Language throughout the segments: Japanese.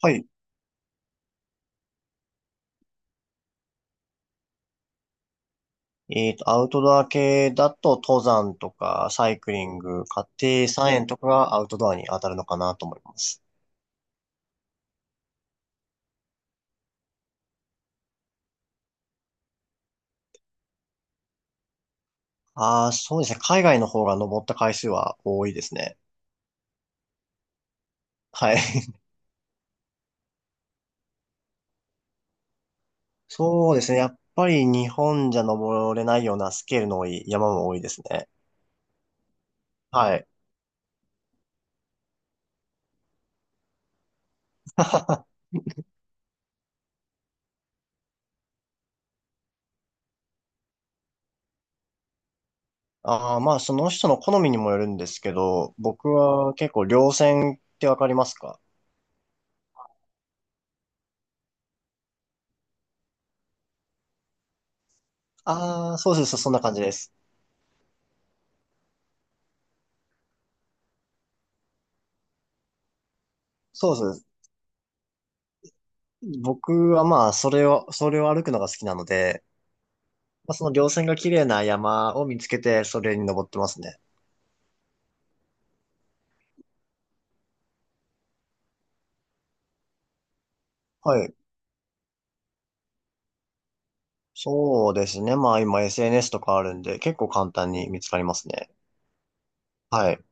はい。アウトドア系だと登山とかサイクリング、家庭菜園とかがアウトドアに当たるのかなと思います。ああ、そうですね。海外の方が登った回数は多いですね。はい。そうですね。やっぱり日本じゃ登れないようなスケールの多い山も多いですね。はい。ああ、まあその人の好みにもよるんですけど、僕は結構稜線ってわかりますか？ああー、そうです。そんな感じです。そうです。僕はまあ、それを歩くのが好きなので、まあ、その稜線が綺麗な山を見つけて、それに登ってますね。はい。そうですね。まあ、今 SNS とかあるんで、結構簡単に見つかりますね。はい。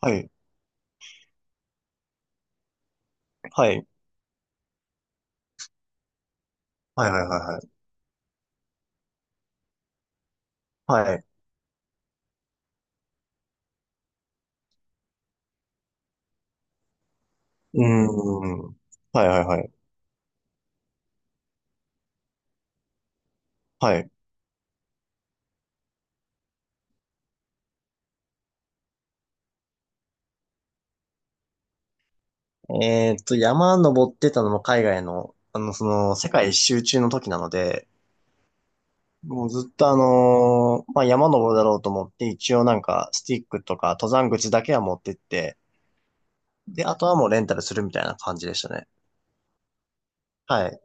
はい。はい。はいはいはいはい。はい。うーん。はいはいはい。はい。えーっと、山登ってたのも海外の、その、世界一周中の時なので、もうずっとまあ、山登るだろうと思って、一応なんか、スティックとか、登山口だけは持ってって、で、あとはもうレンタルするみたいな感じでしたね。はい。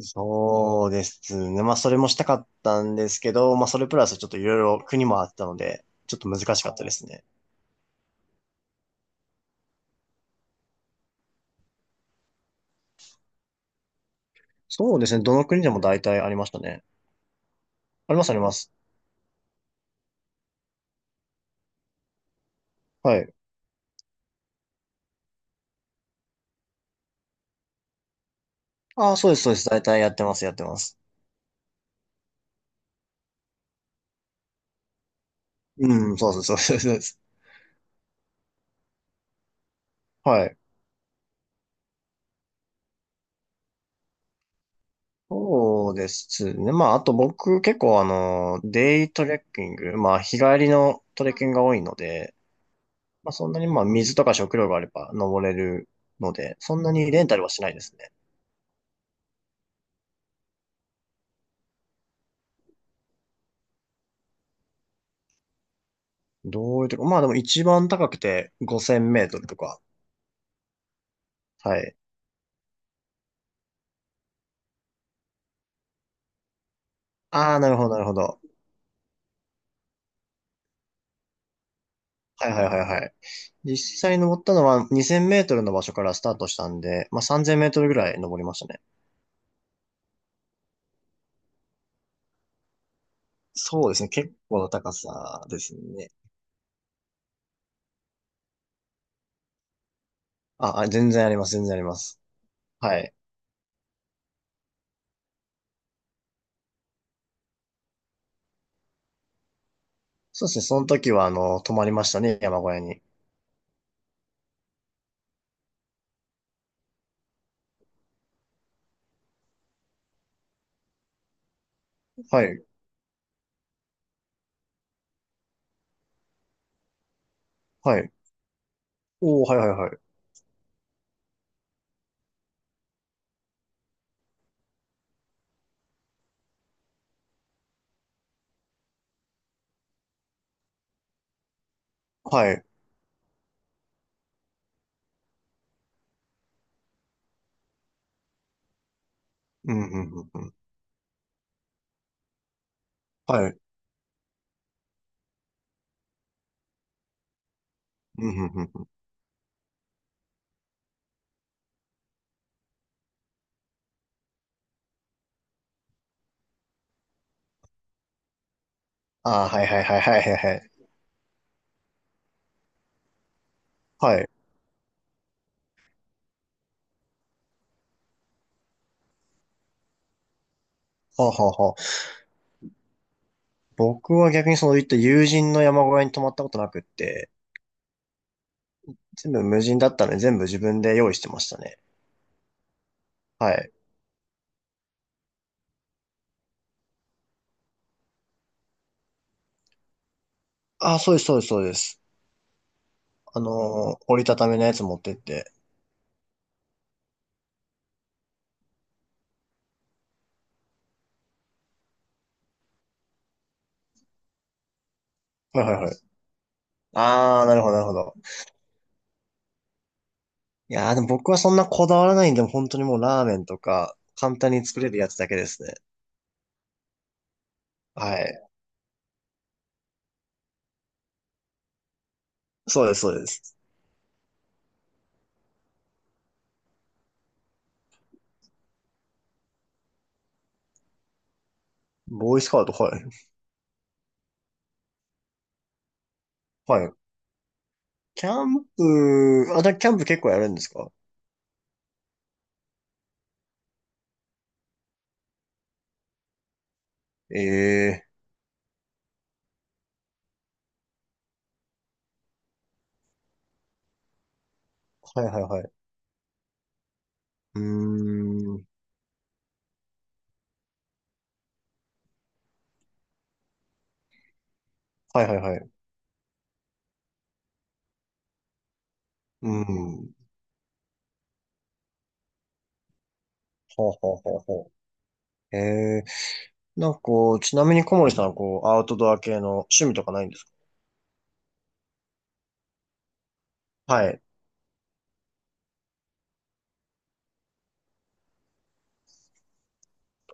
そうですね。まあ、それもしたかったんですけど、まあ、それプラスちょっといろいろ国もあったので、ちょっと難しかったですね。そうですね。どの国でも大体ありましたね。あります、あります。はい。ああ、そうです、そうです。大体やってます、やってます。うん、そうです、そうです、そうです。はい。そうですね。まあ、あと僕結構デイトレッキング、まあ、日帰りのトレッキングが多いので、まあ、そんなにまあ水とか食料があれば登れるので、そんなにレンタルはしないですね。どういうとこ、まあでも一番高くて5000メートルとか。はい。ああ、なるほど、なるほど。はいはいはいはい。実際登ったのは2000メートルの場所からスタートしたんで、まあ3000メートルぐらい登りましたね。そうですね。結構な高さですね。あ、あ、全然あります、全然あります。はい。そうですね。その時は、泊まりましたね、山小屋に。はい、はい。おー、はいはいはい。はい。うん、うん、うん、うん。はい。うんうんうんうん。ああ、はいはいはいはいはいはい。はい。はあ、はあはあ。僕は逆にそういった友人の山小屋に泊まったことなくって、全部無人だったので全部自分で用意してましたね。はい。ああ、そうですそうですそうです。折りたたみのやつ持ってって。はいはいはい。ああ、なるほどなるほど。いやーでも僕はそんなこだわらないんで、本当にもうラーメンとか簡単に作れるやつだけですね。はい。そうですそうです。ボーイスカウト、はい。はい。キャンプ、キャンプ結構やるんですか？ええ、はいはいはい。うーん。はいはいはい。うん。ほうほうほうほう。えー、なんかこう、ちなみに小森さんはこう、アウトドア系の趣味とかないんですか？はい。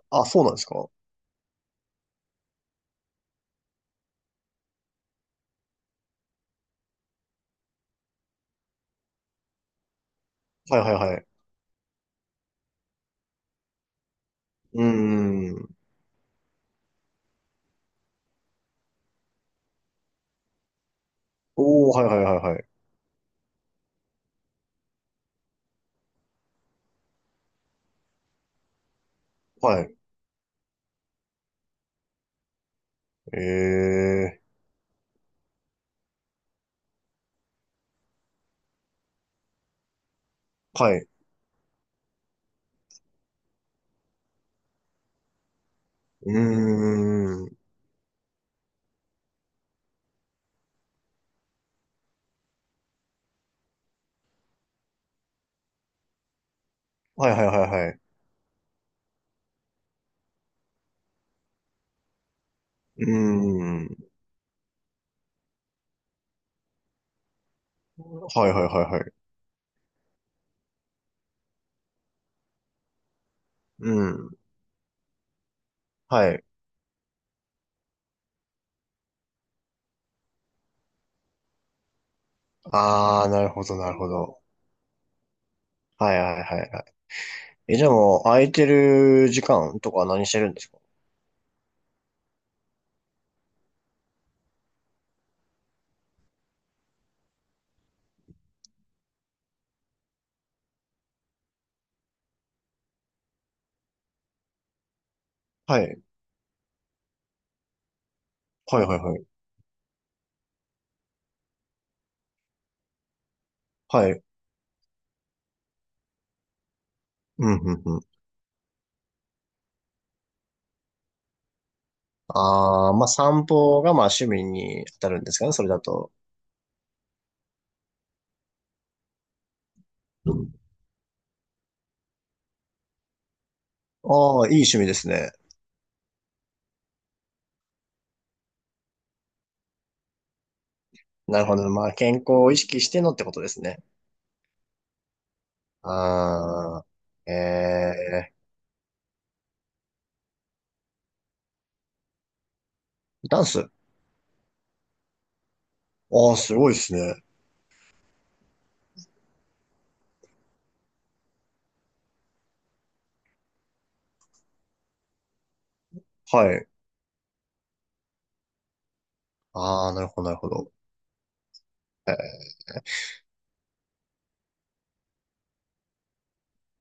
あ、そうなんですか？はいはいはい。うーん。おー、はいはいはいはい。はい。えー、はい。うーん。はいはいはいはい。うーん。はいはいはいはい。うん。はい。あー、なるほどなるほど。はいはいはいはい。え、じゃあもう、空いてる時間とかは何してるんですか？はい。はいはいはい。はい。うん、うん、うん。ああ、まあ散歩がまあ趣味に当たるんですかね、それだと。ああ、いい趣味ですね。なるほど。まあ健康を意識してのってことですね。ああ、ええ、ダンス。ああ、すごいですね。はい。ああ、なるほど、なるほど。